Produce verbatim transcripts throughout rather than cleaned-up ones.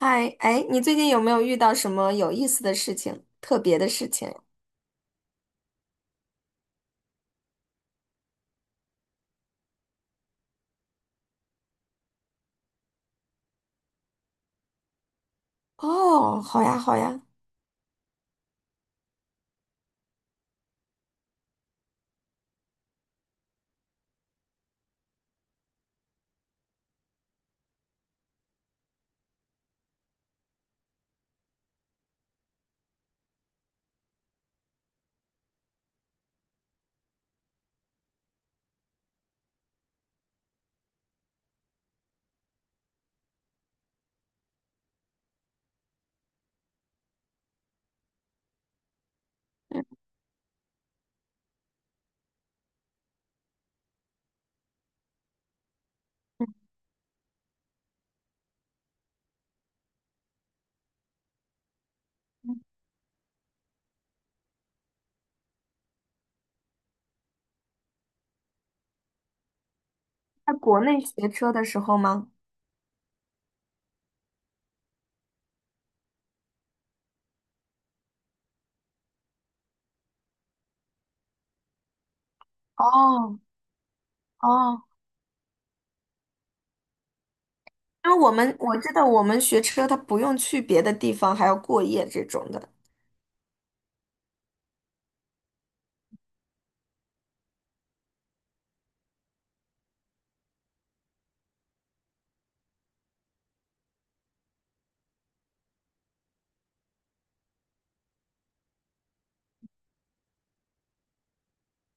嗨，哎，你最近有没有遇到什么有意思的事情、特别的事情？哦，好呀，好呀。嗯，在国内学车的时候吗？哦哦，因为我们我知道我们学车，他不用去别的地方，还要过夜这种的。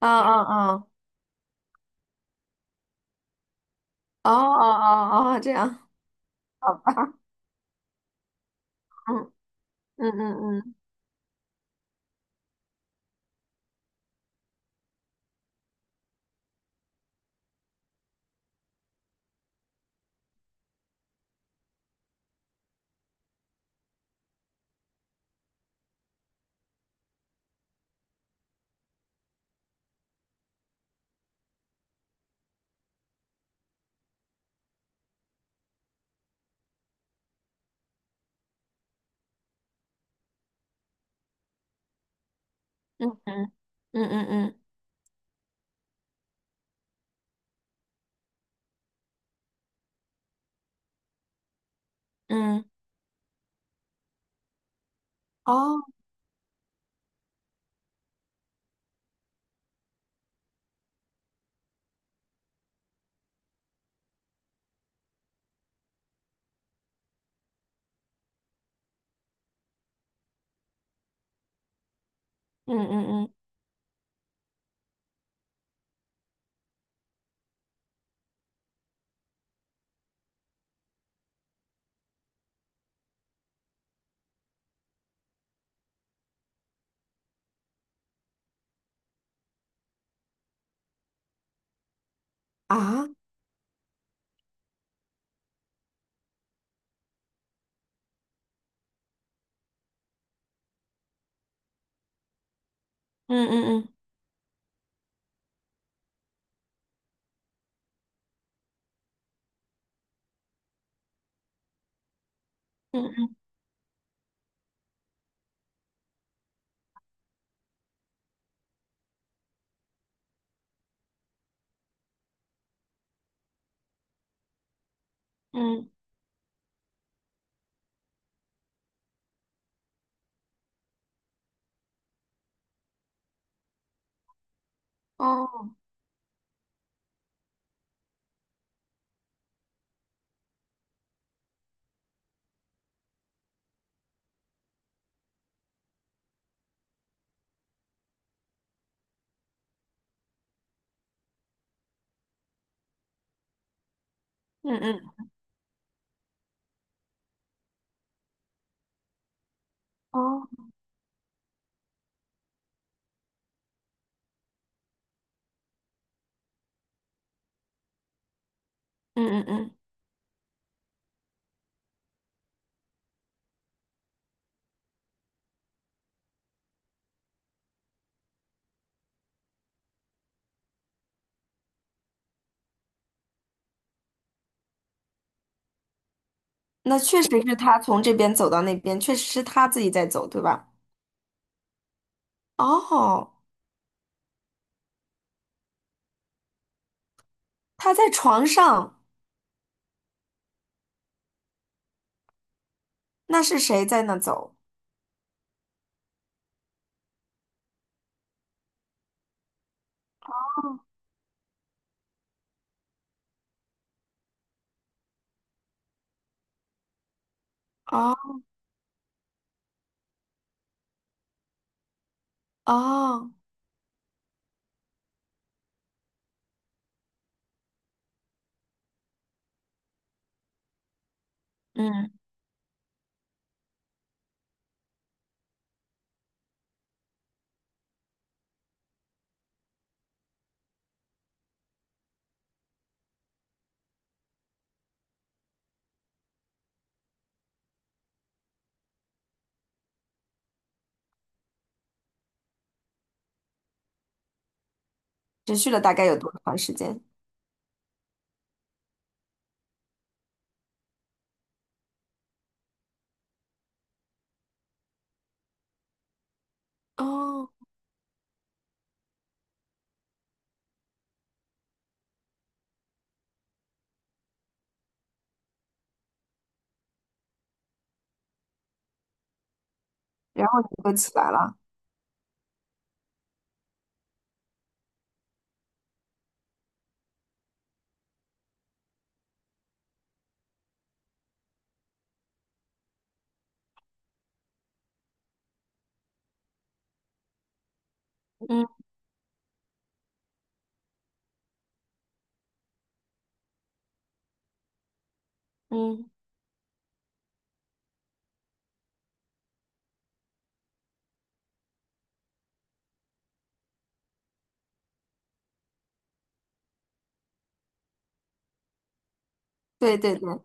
嗯嗯嗯，哦哦哦哦，这样，好吧。嗯嗯嗯嗯嗯嗯嗯嗯嗯，哦，嗯嗯嗯啊，嗯嗯嗯嗯嗯嗯，哦，嗯嗯哦，嗯嗯嗯。那确实是他从这边走到那边，确实是他自己在走，对吧？哦，他在床上，那是谁在那走？哦哦，嗯，持续了大概有多长时间？哦，然后你就起来了。嗯嗯，对对对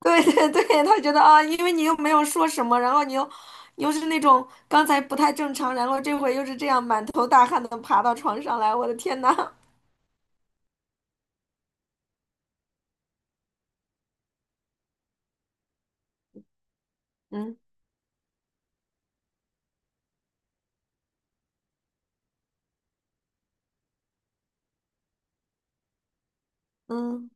对对对，他觉得啊，因为你又没有说什么，然后你又你又是那种刚才不太正常，然后这回又是这样满头大汗的爬到床上来，我的天呐！嗯嗯，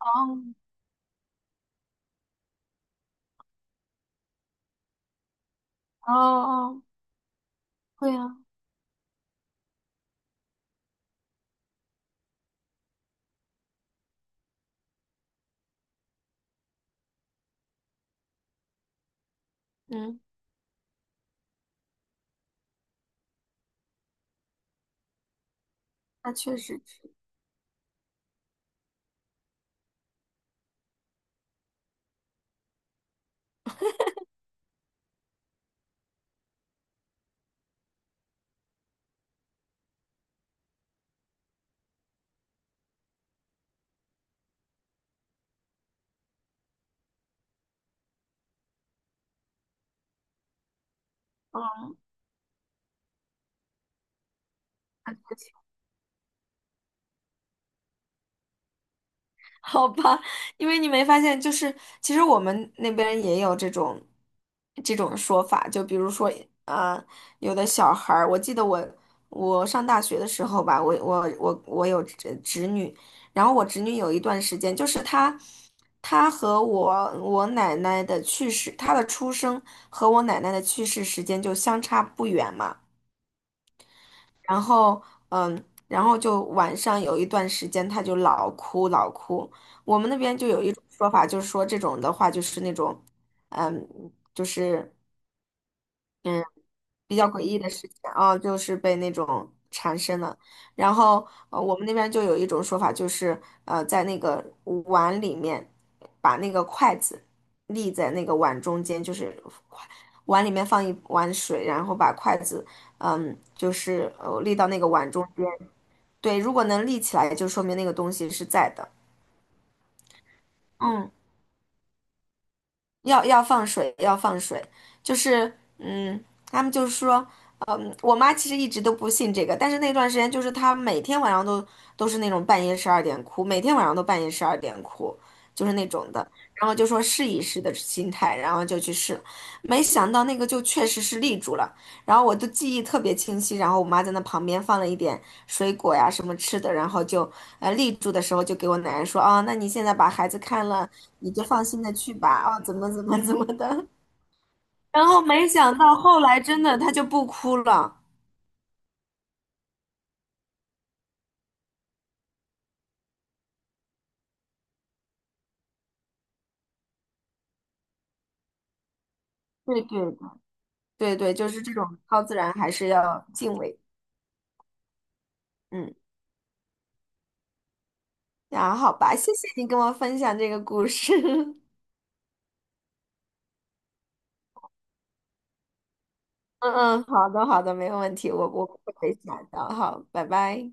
哦哦哦，对呀。嗯。那确实是，嗯，那确实，好吧，因为你没发现，就是其实我们那边也有这种这种说法，就比如说，呃，有的小孩儿，我记得我我上大学的时候吧，我我我我有侄侄女，然后我侄女有一段时间，就是她她和我我奶奶的去世，她的出生和我奶奶的去世时间就相差不远嘛。然后嗯，然后就晚上有一段时间他就老哭老哭。我们那边就有一种说法，就是说这种的话就是那种，嗯，就是比较诡异的事情啊，就是被那种缠身了。然后呃，我们那边就有一种说法，就是呃，在那个碗里面把那个筷子立在那个碗中间，就是筷碗里面放一碗水，然后把筷子。嗯，就是呃立到那个碗中间。对，如果能立起来，就说明那个东西是在的。嗯。要要放水，要放水，就是嗯，他们就是说，嗯，我妈其实一直都不信这个，但是那段时间就是她每天晚上都都是那种半夜十二点哭，每天晚上都半夜十二点哭，就是那种的，然后就说试一试的心态，然后就去试，没想到那个就确实是立住了，然后我的记忆特别清晰，然后我妈在那旁边放了一点水果呀什么吃的，然后就呃立住的时候就给我奶奶说啊，那你现在把孩子看了。你就放心的去吧，哦，怎么怎么怎么的。然后没想到后来真的他就不哭了。对对的对对，就是这种超自然还是要敬畏。嗯，那好吧，谢谢你跟我分享这个故事。嗯嗯，好的好的，没有问题，我我不会下的。好，拜拜。